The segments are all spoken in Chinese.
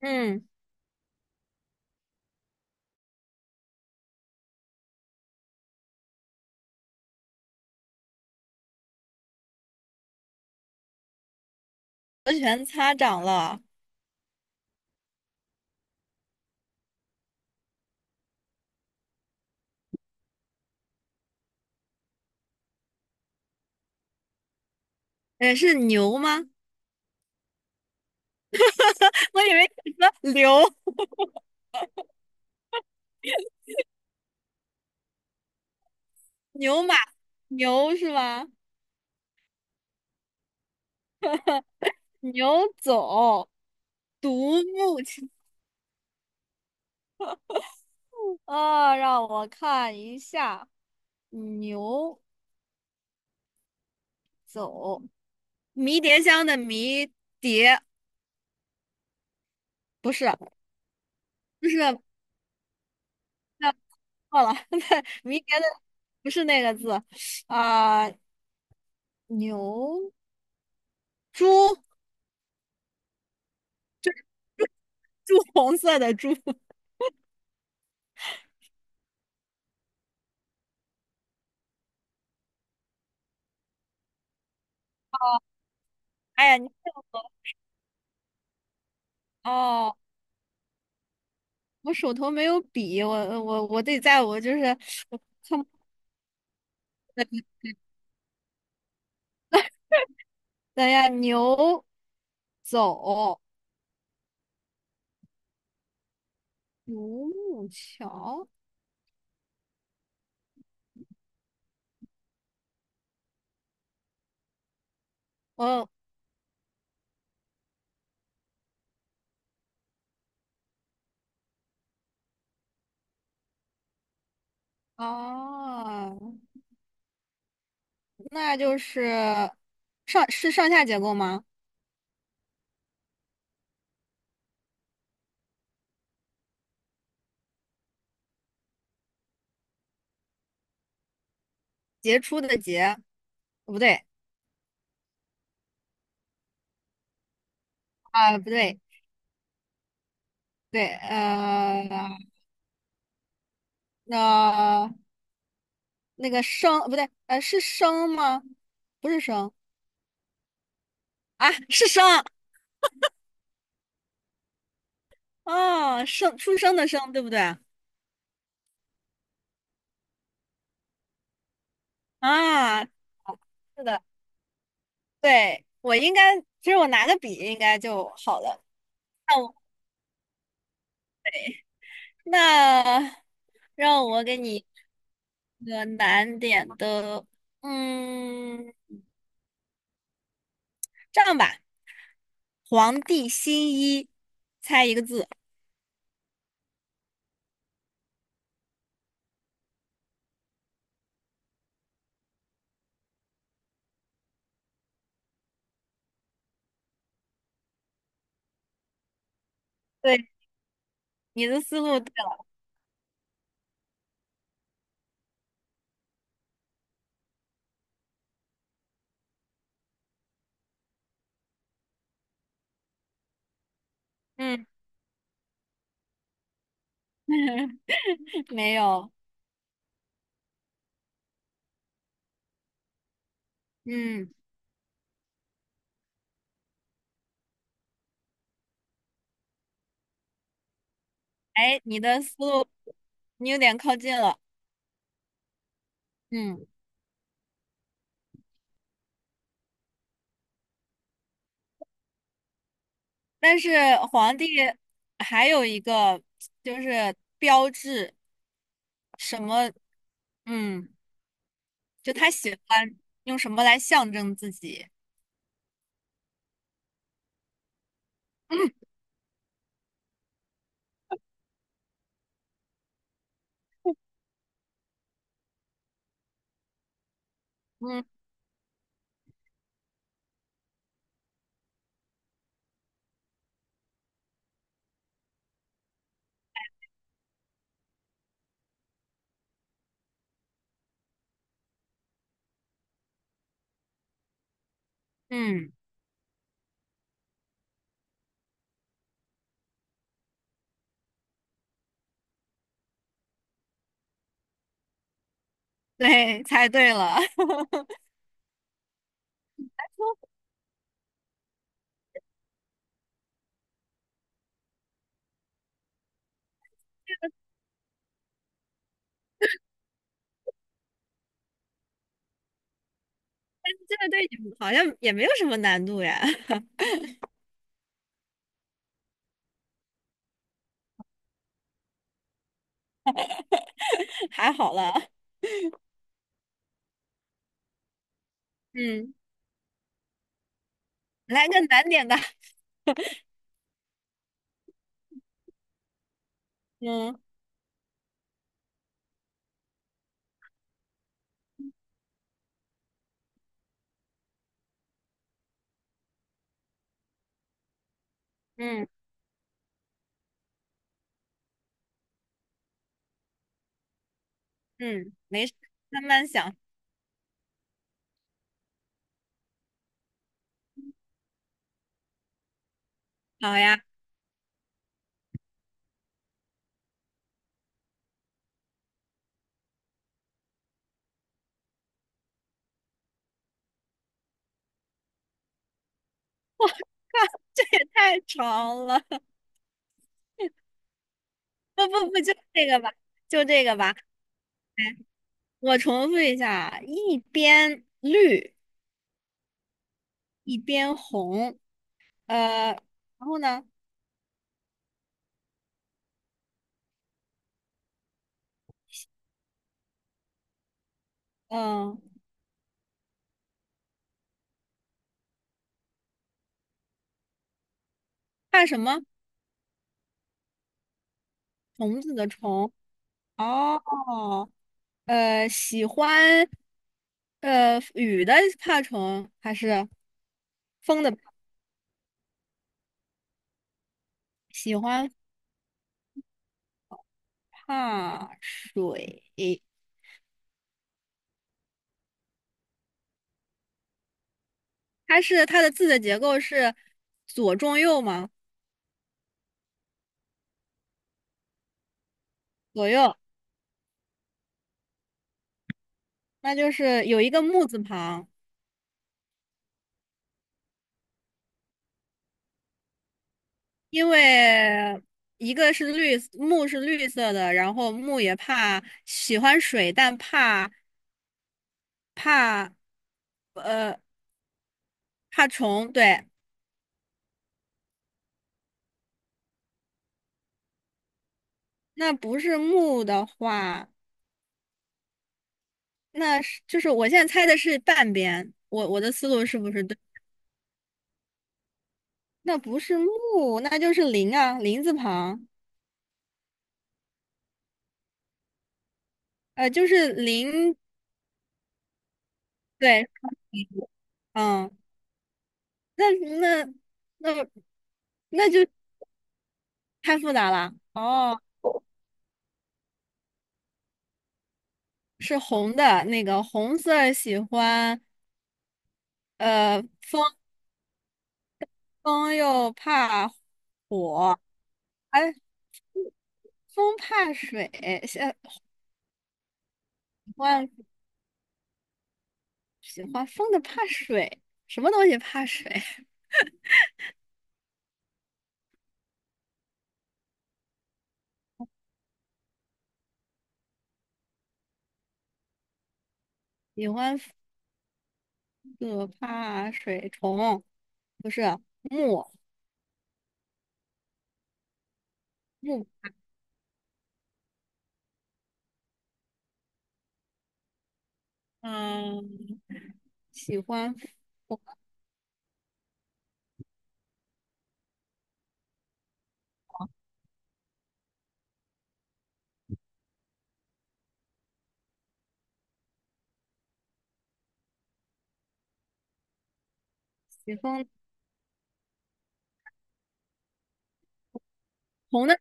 嗯，我全擦掌了。是牛吗？我以为你说牛马牛是吗？牛走独木桥。啊、让我看一下，牛走迷迭香的迷迭不是，不是，那错了，那迷迭的不是那个字啊、牛猪 猪红色的猪。哎呀，你骗我哦。我手头没有笔，我得在我就是我看，等一下，牛走独木桥，哦哦，那就是上下结构吗？杰出的杰，不对啊，不对，对，那那个生不对，是生吗？不是生啊，是生啊，生出生的生，对不对？啊，是的。对，我应该，其实我拿个笔应该就好了。那我那让我给你一个难点的，嗯，这样吧，皇帝新衣，猜一个字。对，你的思路对了，嗯，没有，嗯，哎，你的思路你有点靠近了，嗯，但是皇帝还有一个就是标志什么，嗯。就他喜欢用什么来象征自己。嗯嗯，嗯，对，猜对了。这个对你好像也没有什么难度呀，还好了。嗯，来个难点的。嗯嗯嗯，没事，慢慢想。好呀，这也太长了。不不不，就这个吧，就这个吧。我重复一下啊，一边绿一边红，然后呢，嗯、看什么？虫子的虫，哦，喜欢雨的怕虫还是风的？喜欢怕水，它的字的结构是左中右吗？左右，那就是有一个木字旁，因为一个是绿，木是绿色的，然后木也怕喜欢水，但怕呃怕虫，对，那不是木的话。就是我现在猜的是半边，我的思路是不是对？那不是木，那就是林啊，林字旁，就是林，对，嗯，那那那那就太复杂了。哦，是红的，那个红色儿喜欢，呃，风风又怕火，哎，风怕水，喜欢喜欢风的怕水，什么东西怕水？喜欢。可怕水虫不是木木，嗯，喜欢风喜欢红的，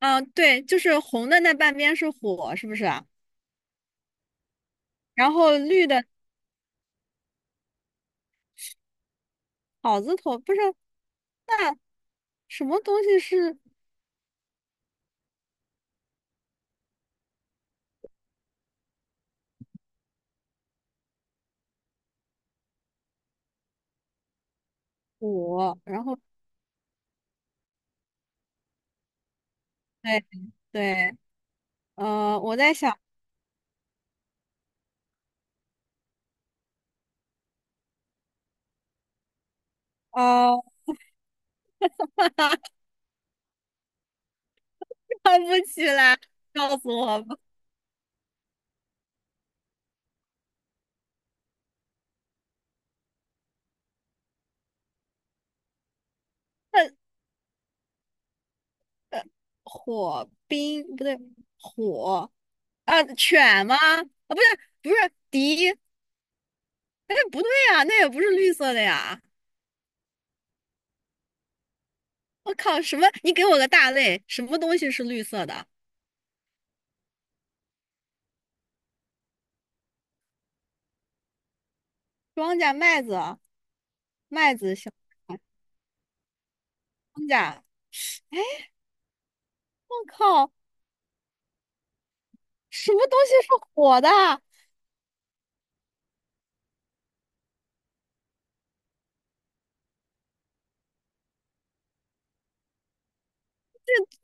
啊，对，就是红的那半边是火，是不是啊。然后绿的草字头不是，那什么东西是火？然后对对，我在想，呃，想不起来，告诉我吧。那火冰不对，火啊，犬吗？啊，不是不是敌。哎，不对呀，那也不是绿色的呀！我靠，什么？你给我个大类，什么东西是绿色的？庄稼、麦子、小庄稼。我靠，什么东西是火的？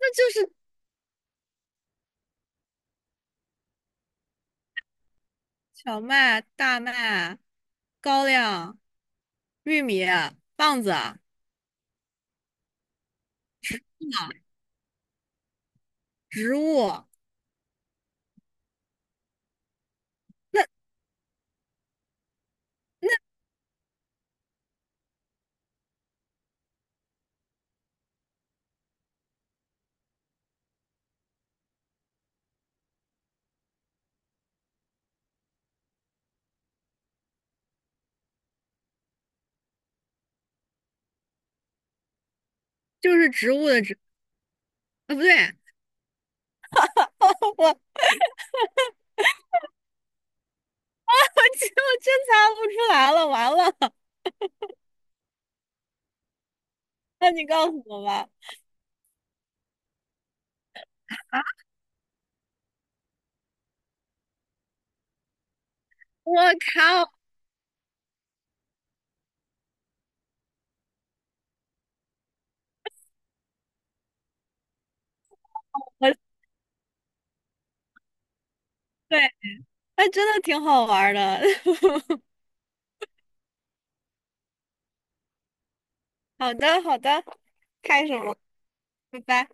那就是小麦、大麦、高粱、玉米、棒子、植物，就是植物的植。啊，不对，我我真猜不出来了，完了！那你告诉我吧。啊！我靠！我对，哎，真的挺好玩儿的。好的，好的，开什么？拜拜。